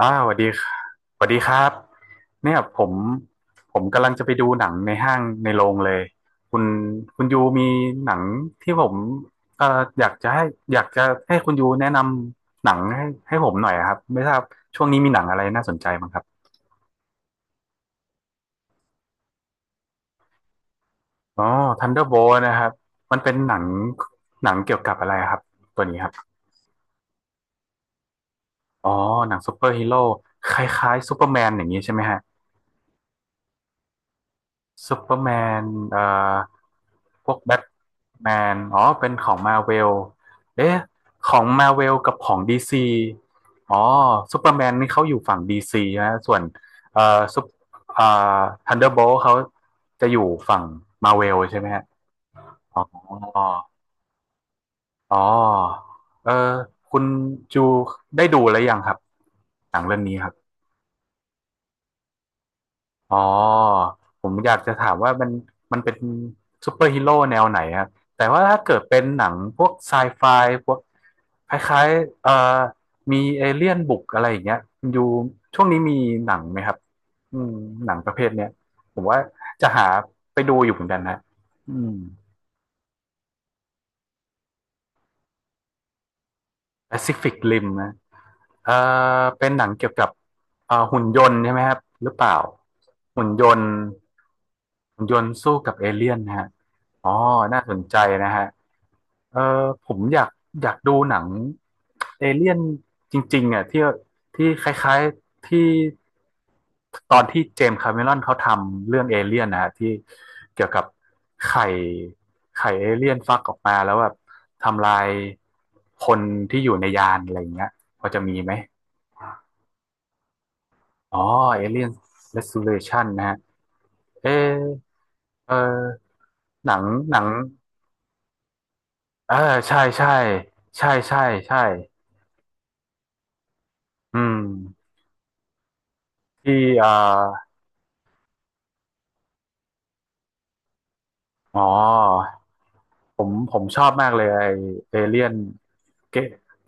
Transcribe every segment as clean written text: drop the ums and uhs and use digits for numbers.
สวัสดีค่ะสวัสดีครับเนี่ยผมกำลังจะไปดูหนังในห้างในโรงเลยคุณคุณยูมีหนังที่ผมเอ่ออยากจะให้อยากจะให้คุณยูแนะนำหนังให้ให้ผมหน่อยครับไม่ทราบช่วงนี้มีหนังอะไรน่าสนใจบ้างครับอ๋อ Thunderbolt นะครับมันเป็นหนังหนังเกี่ยวกับอะไรครับตัวนี้ครับอ๋อหนังซูเปอร์ฮีโร่คล้ายๆซูเปอร์แมนอย่างนี้ใช่ไหมฮะ ซูเปอร์แมนเอ่อพวกแบทแมนอ๋อเป็นของมาเวลเอ๊ะของมาเวลกับของดีซีอ๋อซูเปอร์แมนนี่เขาอยู่ฝั่งดีซีนะส่วนเอ่อซุปเอ่อทันเดอร์โบลเขาจะอยู่ฝั่งมาเวลใช่ไหมฮะอ๋ออ๋อเออคุณจูได้ดูแล้วยังครับหนังเรื่องนี้ครับ อ๋อผมอยากจะถามว่ามันมันเป็นซูเปอร์ฮีโร่แนวไหนครับแต่ว่าถ้าเกิดเป็นหนังพวกไซไฟพวกคล้ายๆมีเอเลี่ยนบุกอะไรอย่างเงี้ยอยู่ช่วงนี้มีหนังไหมครับอืมหนังประเภทเนี้ยผมว่าจะหาไปดูอยู่เหมือนกันนะอืม Pacific Rim นะเอ่อเป็นหนังเกี่ยวกับหุ่นยนต์ใช่ไหมครับหรือเปล่าหุ่นยนต์หุ่นยนต์สู้กับเอเลี่ยนนะฮะ อ๋อน่าสนใจนะฮะเออผมอยากอยากดูหนังเอเลี่ยนจริงๆอ่ะที่ที่คล้ายๆที่ตอนที่เจมส์คาเมรอนเขาทำเรื่องเอเลี่ยนนะฮะที่เกี่ยวกับไข่ไข่เอเลี่ยนฟักออกมาแล้วแบบทำลายคนที่อยู่ในยานอะไรอย่างเงี้ยพอจะมีไหมอ๋อเอเลี่ยนเรส a ูเลชันนะฮะเอะเออหนังหนัง อ่าใช่ใช่ใช่ใช่ใช่อืมที่อ่าอ๋อผมชอบมากเลยไอเอเลี่ยนเก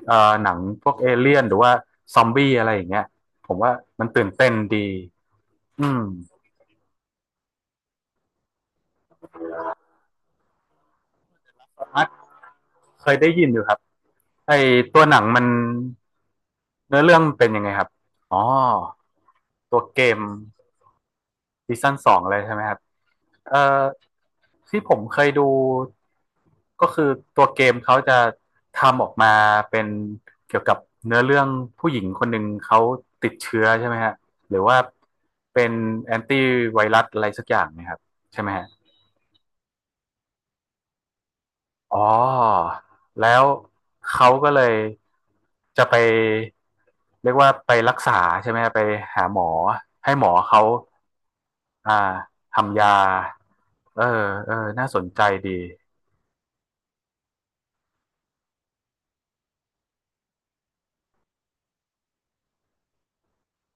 เอ่อหนังพวกเอเลี่ยนหรือว่าซอมบี้อะไรอย่างเงี้ยผมว่ามันตื่นเต้นดีอืมอาร์ตเคยได้ยินอยู่ครับไอตัวหนังมันเนื้อเรื่องมันเป็นยังไงครับอ๋อตัวเกม ซีซั่นสองเลยใช่ไหมครับเอ่อที่ผมเคยดูก็คือตัวเกมเขาจะทำออกมาเป็นเกี่ยวกับเนื้อเรื่องผู้หญิงคนหนึ่งเขาติดเชื้อใช่ไหมฮะหรือว่าเป็นแอนตี้ไวรัสอะไรสักอย่างนะครับใช่ไหมฮะอ๋อแล้วเขาก็เลยจะไปเรียกว่าไปรักษาใช่ไหมฮะไปหาหมอให้หมอเขา อ่าทำยาเออเออน่าสนใจดี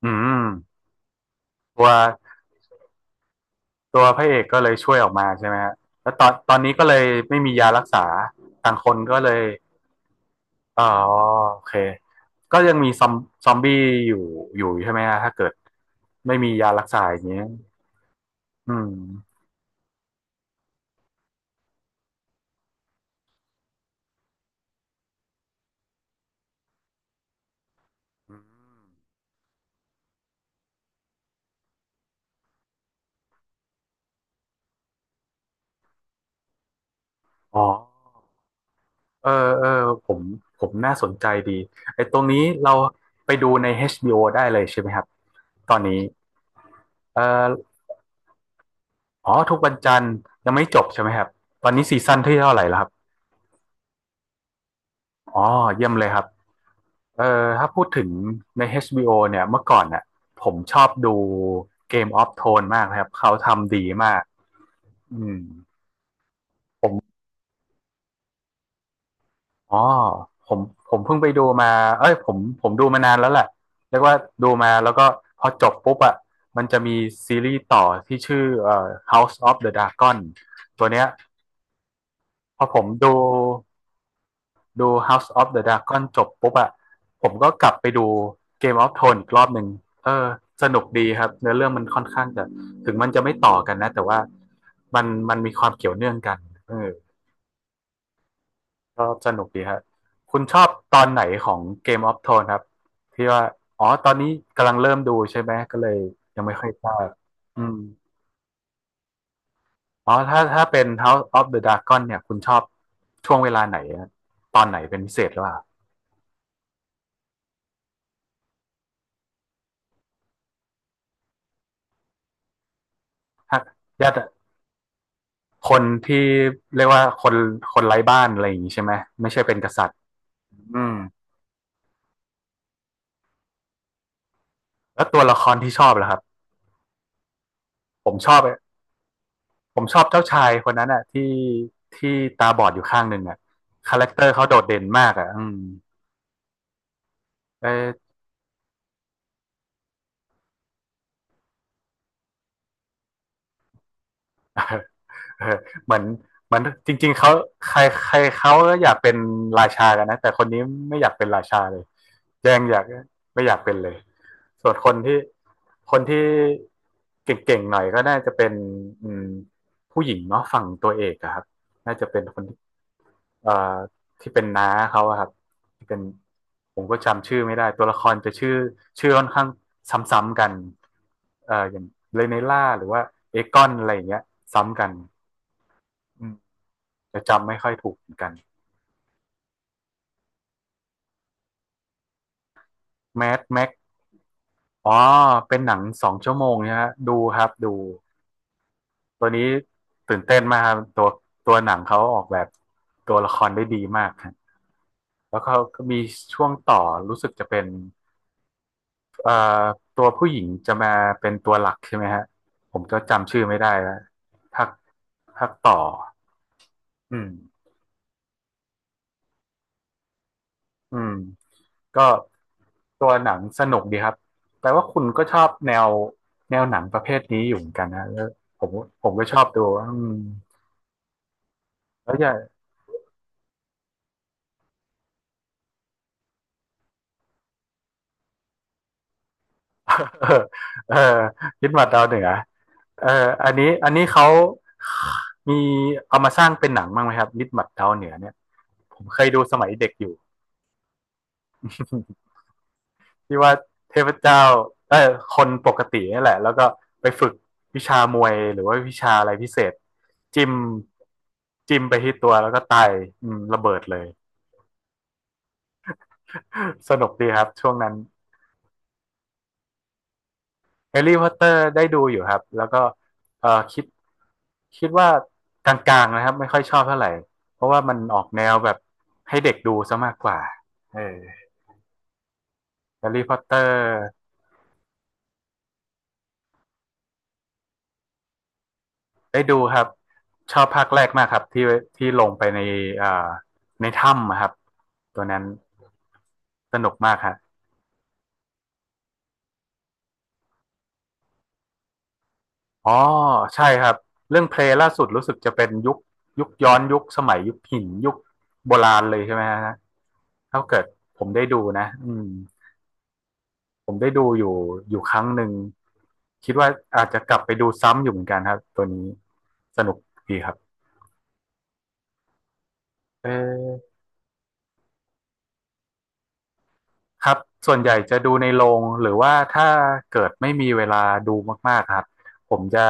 อืมตัวตัวพระเอกก็เลยช่วยออกมาใช่ไหมฮะแล้วตอนตอนนี้ก็เลยไม่มียารักษาต่างคนก็เลยอ๋อโอเคก็ยังมีซอมซอมบี้อยู่อยู่ใช่ไหมฮะถ้าเกิดไม่มียารักษาอย่างเงี้ยอืมอ๋อเออเออผมผมน่าสนใจดีไอ้ตรงนี้เราไปดูใน HBO ได้เลยใช่ไหมครับตอนนี้เออ อ๋อทุกวันจันทร์ยังไม่จบใช่ไหมครับตอนนี้ซีซั่นที่เท่าไหร่แล้วครับอ๋อเยี่ยมเลยครับเออถ้าพูดถึงใน HBO เนี่ยเมื่อก่อนน่ะผมชอบดู Game of Thrones มากนะครับเขาทำดีมากอืมผมอ๋อผมผมเพิ่งไปดูมาเอ้ยผมดูมานานแล้วแหละเรียกว่าดูมาแล้วก็พอจบปุ๊บอ่ะมันจะมีซีรีส์ต่อที่ชื่อHouse of the Dragon ตัวเนี้ยพอผมดู ดู House of the Dragon จบปุ๊บอะผมก็กลับไปดู Game of Thrones อีกรอบหนึ่งเออสนุกดีครับเนื้อเรื่องมันค่อนข้างจะถึงมันจะไม่ต่อกันนะแต่ว่ามันมีความเกี่ยวเนื่องกันเออก็สนุกดีครับคุณชอบตอนไหนของ Game of Thrones ครับที่ว่าอ๋อตอนนี้กำลังเริ่มดูใช่ไหมก็เลยยังไม่ค่อยทราบอืมอ๋อถ้าถ้าเป็น House of the Dragon เนี่ยคุณชอบช่วงเวลาไหนอะตอนไหนเป็นพิเศษหรือเปล่าถ้าญาติ คนที่เรียกว่าคนไร้บ้านอะไรอย่างนี้ใช่ไหมไม่ใช่เป็นกษัตริย์อืมแล้วตัวละครที่ชอบล่ะครับผมชอบผมชอบเจ้าชายคนนั้นอ่ะที่ที่ตาบอดอยู่ข้างหนึ่งอ่ะคาแรคเตอร์เขาโดดเด่นมากอ่ะอืมเออ เออเหมือนเหมือนจริงๆเขาใครใครเขาก็อยากเป็นราชากันนะแต่คนนี้ไม่อยากเป็นราชาเลยยังอยากไม่อยากเป็นเลยส่วนคนที่คนที่เก่งๆหน่อยก็น่าจะเป็นอืมผู้หญิงเนาะฝั่งตัวเอกอะครับน่าจะเป็นคนที่เอ่อที่เป็นน้าเขาอะครับที่เป็นผมก็จำชื่อไม่ได้ตัวละครจะชื่อชื่อค่อนข้างซ้ำๆกันอย่างเรเนล่าหรือว่าเอกอนอะไรอย่างเงี้ยซ้ำกันอืม จะจำไม่ค่อยถูกเหมือนกันแมดแม็กอ๋อเป็นหนังสองชั่วโมงนะฮะดูครับดูตัวนี้ตื่นเต้นมากครับตัวตัวหนังเขาออกแบบตัวละครได้ดีมากครับแล้วเขาก็มีช่วงต่อรู้สึกจะเป็นเอ่อตัวผู้หญิงจะมาเป็นตัวหลักใช่ไหมฮะผมก็จำชื่อไม่ได้แล้วภาคภาคต่ออืมอืม ก็ตัวหนังสนุกดีครับแปลว่าคุณก็ชอบแนวแนวหนังประเภทนี้อยู่เหมือนกันนะแล้วผมผมก็ชอบดูอืมแล้วอย่า เออยึดมาดาวเหนือเอออันนี้อันนี้เขามีเอามาสร้างเป็นหนังบ้างไหมครับนิดหมัดดาวเหนือเนี่ยผมเคยดูสมัยเด็กอยู่ ที่ว่าเทพเจ้าเออคนปกตินี่แหละแล้วก็ไปฝึกวิชามวยหรือว่าวิชาอะไรพิเศษจิ้มจิ้มไปที่ตัวแล้วก็ตายอืมระเบิดเลย สนุกดีครับช่วงนั้นแฮร์รี่พอตเตอร์ได้ดูอยู่ครับแล้วก็เออคิดว่ากลางๆนะครับไม่ค่อยชอบเท่าไหร่เพราะว่ามันออกแนวแบบให้เด็กดูซะมากกว่าเออแฮร์รี่พอตเตอร์ ได้ดูครับชอบภาคแรกมากครับที่ที่ลงไปในอ่าในถ้ำอะครับตัวนั้นสนุกมากครับอ๋อใช่ครับเรื่องเพลย์ล่าสุดรู้สึกจะเป็นยุคยุคย้อนยุคสมัยยุคหินยุคโบราณเลยใช่ไหมฮะถ้าเกิดผมได้ดูนะอืมผมได้ดูอยู่อยู่ครั้งหนึ่งคิดว่าอาจจะกลับไปดูซ้ำอยู่เหมือนกันครับตัวนี้สนุกดีครับเออ ครับส่วนใหญ่จะดูในโรงหรือว่าถ้าเกิดไม่มีเวลาดูมากๆครับผมจะ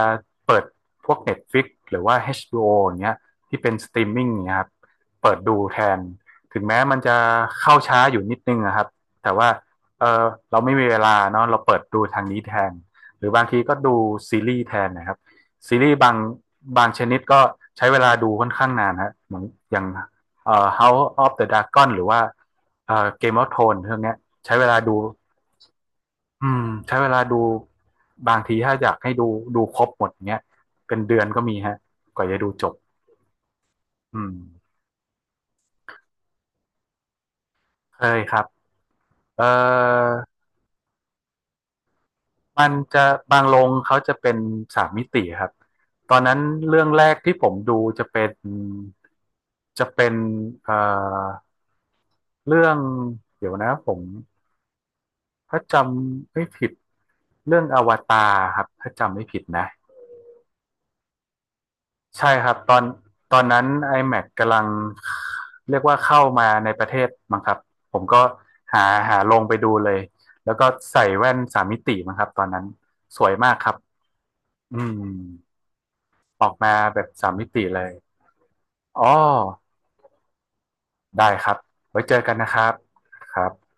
เปิดพวก Netflix หรือว่า HBO อชบีโออย่างเงี้ยที่เป็นสตรีมมิ่งเนี่ยครับเปิดดูแทนถึงแม้มันจะเข้าช้าอยู่นิดนึงนะครับแต่ว่าเออเราไม่มีเวลาเนาะเราเปิดดูทางนี้แทนหรือบางทีก็ดูซีรีส์แทนนะครับซีรีส์บางบางชนิดก็ใช้เวลาดูค่อนข้างนานฮะเหมือนอย่างHouse of the Dragon หรือว่าเกมออฟโนเรื่องเนี้ย ใช้เวลาดูอืมใช้เวลาดูบางทีถ้าอยากให้ดูดูครบหมดเงี้ยเป็นเดือนก็มีฮะกว่าจะดูจบอืมเคยครับเออมันจะบางโรงเขาจะเป็นสามมิติครับตอนนั้นเรื่องแรกที่ผมดูจะเป็นจะเป็นเอ่อเรื่องเดี๋ยวนะผมถ้าจำไม่ผิดเรื่องอวตารครับถ้าจำไม่ผิดนะ ใช่ครับตอนตอนนั้น iMac กำลังเรียกว่าเข้ามาในประเทศมั้งครับผมก็หาหาลงไปดูเลยแล้วก็ใส่แว่นสามมิติมั้งครับตอนนั้นสวยมากครับอืมออกมาแบบสามมิติเลยอ๋อได้ครับไว้เจอกันนะครับครับ